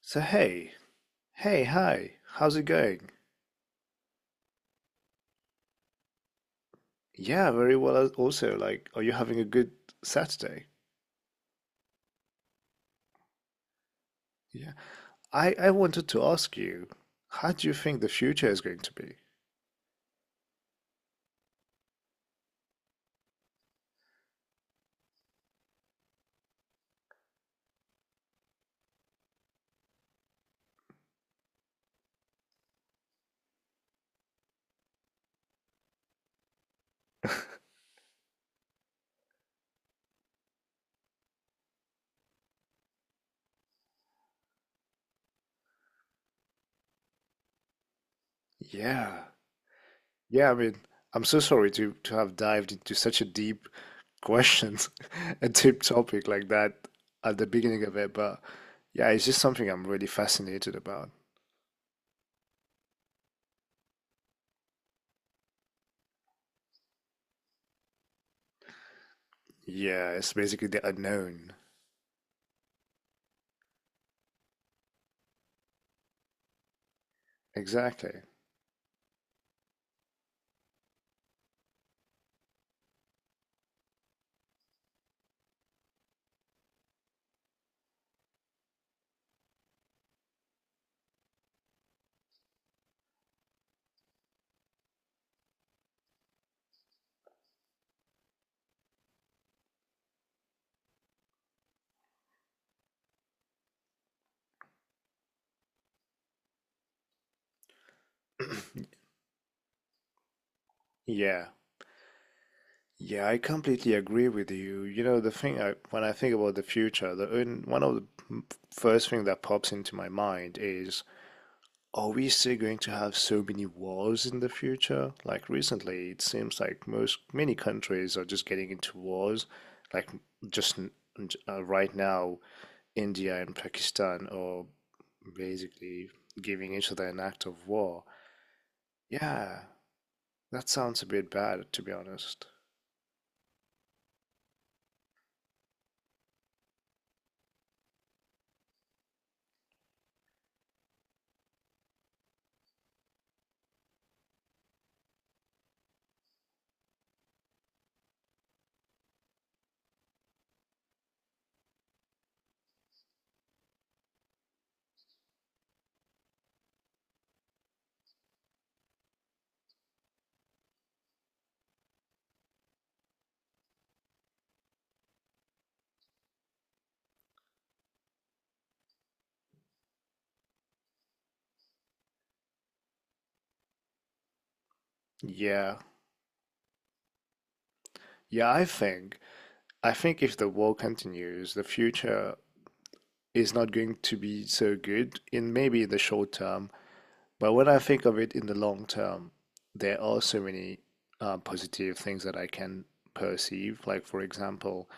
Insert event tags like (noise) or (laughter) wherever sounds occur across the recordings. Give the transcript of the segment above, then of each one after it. So hey, hey, hi, how's it going? Yeah, very well also. Like, are you having a good Saturday? Yeah. I wanted to ask you, how do you think the future is going to be? Yeah. Yeah, I mean, I'm so sorry to have dived into such a deep questions, (laughs) a deep topic like that at the beginning of it, but yeah, it's just something I'm really fascinated about. Yeah, it's basically the unknown. Exactly. Yeah. Yeah, I completely agree with you. You know, the thing I, When I think about the future, the one of the m- first thing that pops into my mind is, are we still going to have so many wars in the future? Like recently, it seems like most many countries are just getting into wars. Like just n- right now, India and Pakistan are basically giving each other an act of war. Yeah, that sounds a bit bad, to be honest. Yeah. Yeah, I think I think if the war continues, the future is not going to be so good in maybe in the short term, but when I think of it in the long term, there are so many positive things that I can perceive. Like, for example,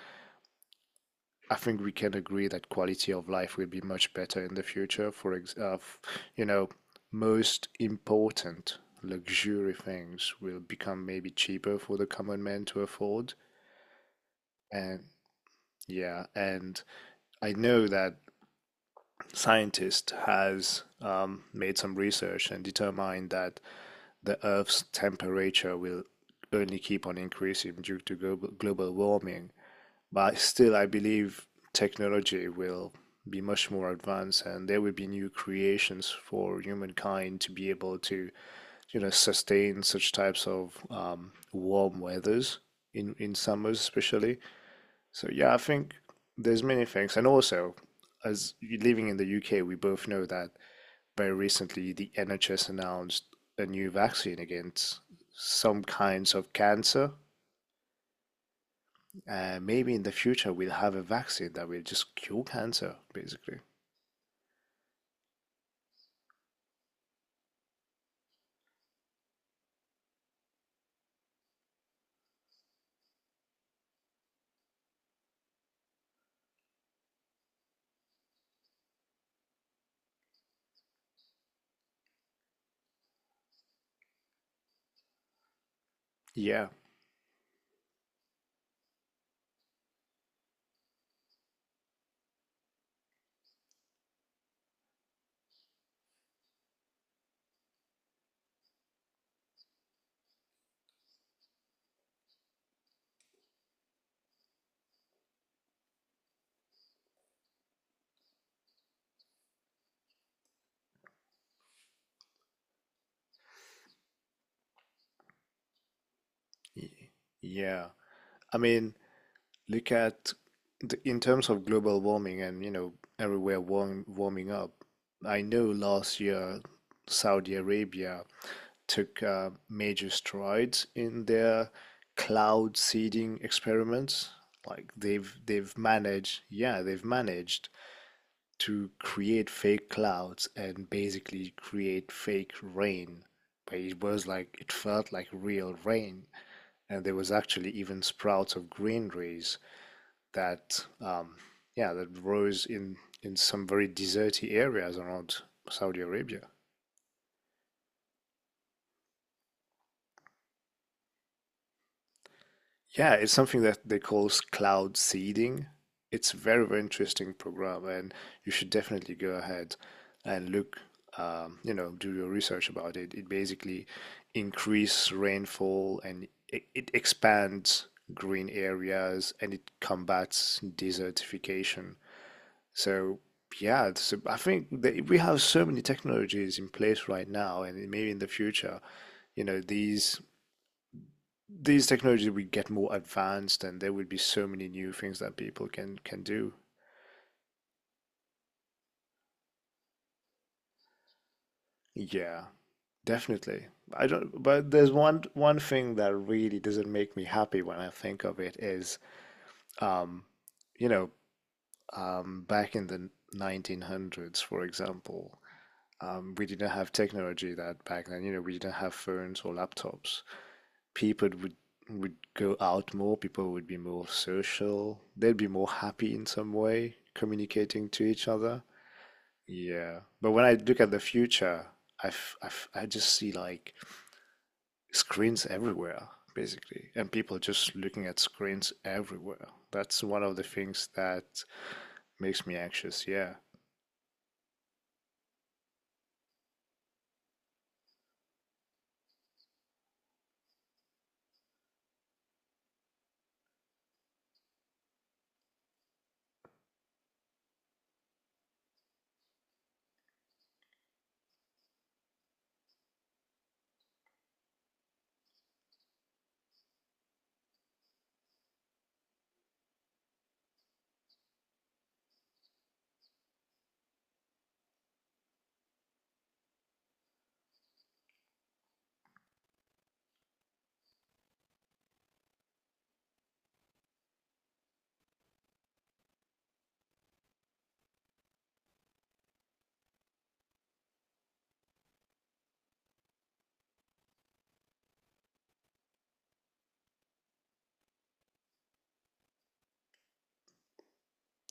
I think we can agree that quality of life will be much better in the future. For ex you know, most important luxury things will become maybe cheaper for the common man to afford. And yeah, and I know that scientist has made some research and determined that the Earth's temperature will only keep on increasing due to global warming. But still, I believe technology will be much more advanced and there will be new creations for humankind to be able to, you know, sustain such types of warm weathers in summers especially. So yeah, I think there's many things, and also, as living in the UK, we both know that very recently, the NHS announced a new vaccine against some kinds of cancer. Maybe in the future, we'll have a vaccine that will just cure cancer, basically. Yeah. Yeah. I mean, look at the, in terms of global warming and, you know, everywhere warming up. I know last year, Saudi Arabia took major strides in their cloud seeding experiments. Like they've managed, yeah, they've managed to create fake clouds and basically create fake rain. But it was like it felt like real rain, and there was actually even sprouts of green that, yeah, that rose in some very deserty areas around Saudi Arabia. Yeah, it's something that they call cloud seeding. It's a very, very interesting program, and you should definitely go ahead and look, you know, do your research about it. It basically increase rainfall and it expands green areas and it combats desertification. So yeah, so I think that we have so many technologies in place right now, and maybe in the future, you know, these technologies will get more advanced and there will be so many new things that people can do. Yeah, definitely. I don't, but there's one thing that really doesn't make me happy when I think of it is, um, you know, back in the 1900s, for example, we didn't have technology that back then. You know, we didn't have phones or laptops. People would go out more. People would be more social. They'd be more happy in some way, communicating to each other. Yeah, but when I look at the future, I just see like screens everywhere, basically, and people just looking at screens everywhere. That's one of the things that makes me anxious. Yeah,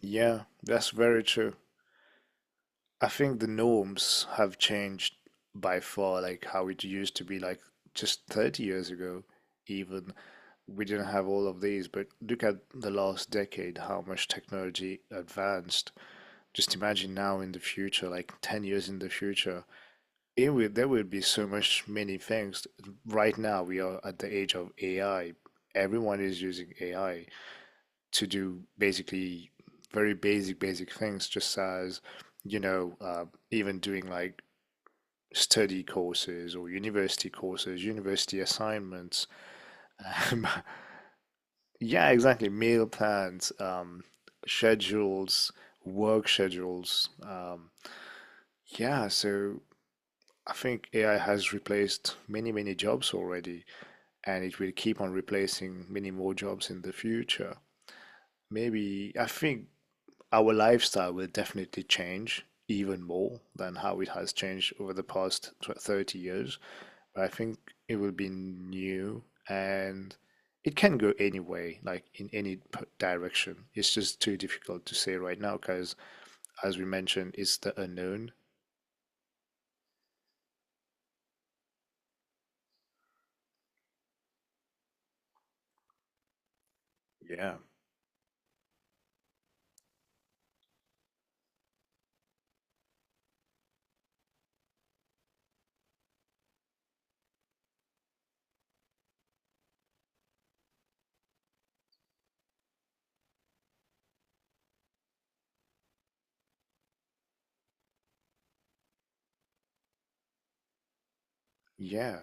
yeah, that's very true. I think the norms have changed by far, like how it used to be, like just 30 years ago, even. We didn't have all of these, but look at the last decade, how much technology advanced. Just imagine now in the future, like 10 years in the future, there will be so much many things. Right now, we are at the age of AI. Everyone is using AI to do basically basic things, just as, you know, uh, even doing like study courses or university courses, university assignments. (laughs) Yeah, exactly. Meal plans, schedules, work schedules. Yeah, so I think AI has replaced many, many jobs already, and it will keep on replacing many more jobs in the future. Maybe I think our lifestyle will definitely change even more than how it has changed over the past 30 years. But I think it will be new and it can go any way, like in any direction. It's just too difficult to say right now because, as we mentioned, it's the unknown. Yeah. Yeah.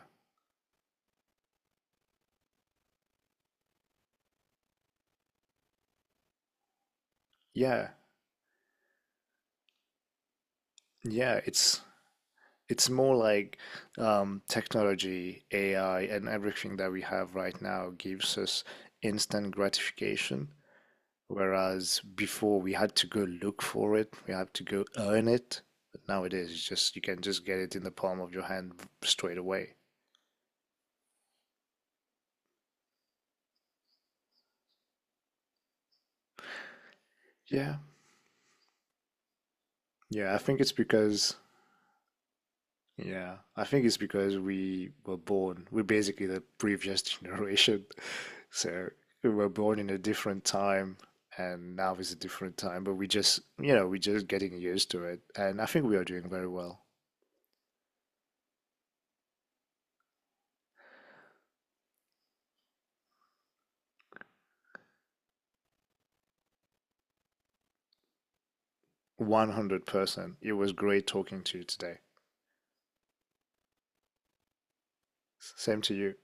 Yeah. Yeah. It's more like technology, AI, and everything that we have right now gives us instant gratification, whereas before we had to go look for it, we had to go earn it. But nowadays, it's just you can just get it in the palm of your hand straight away. Yeah, yeah, I think it's because Yeah, I think it's because we were born, we're basically the previous (laughs) generation. So we were born in a different time and now is a different time, but we just, you know, we're just getting used to it. And I think we are doing very well. 100%. It was great talking to you today. Same to you.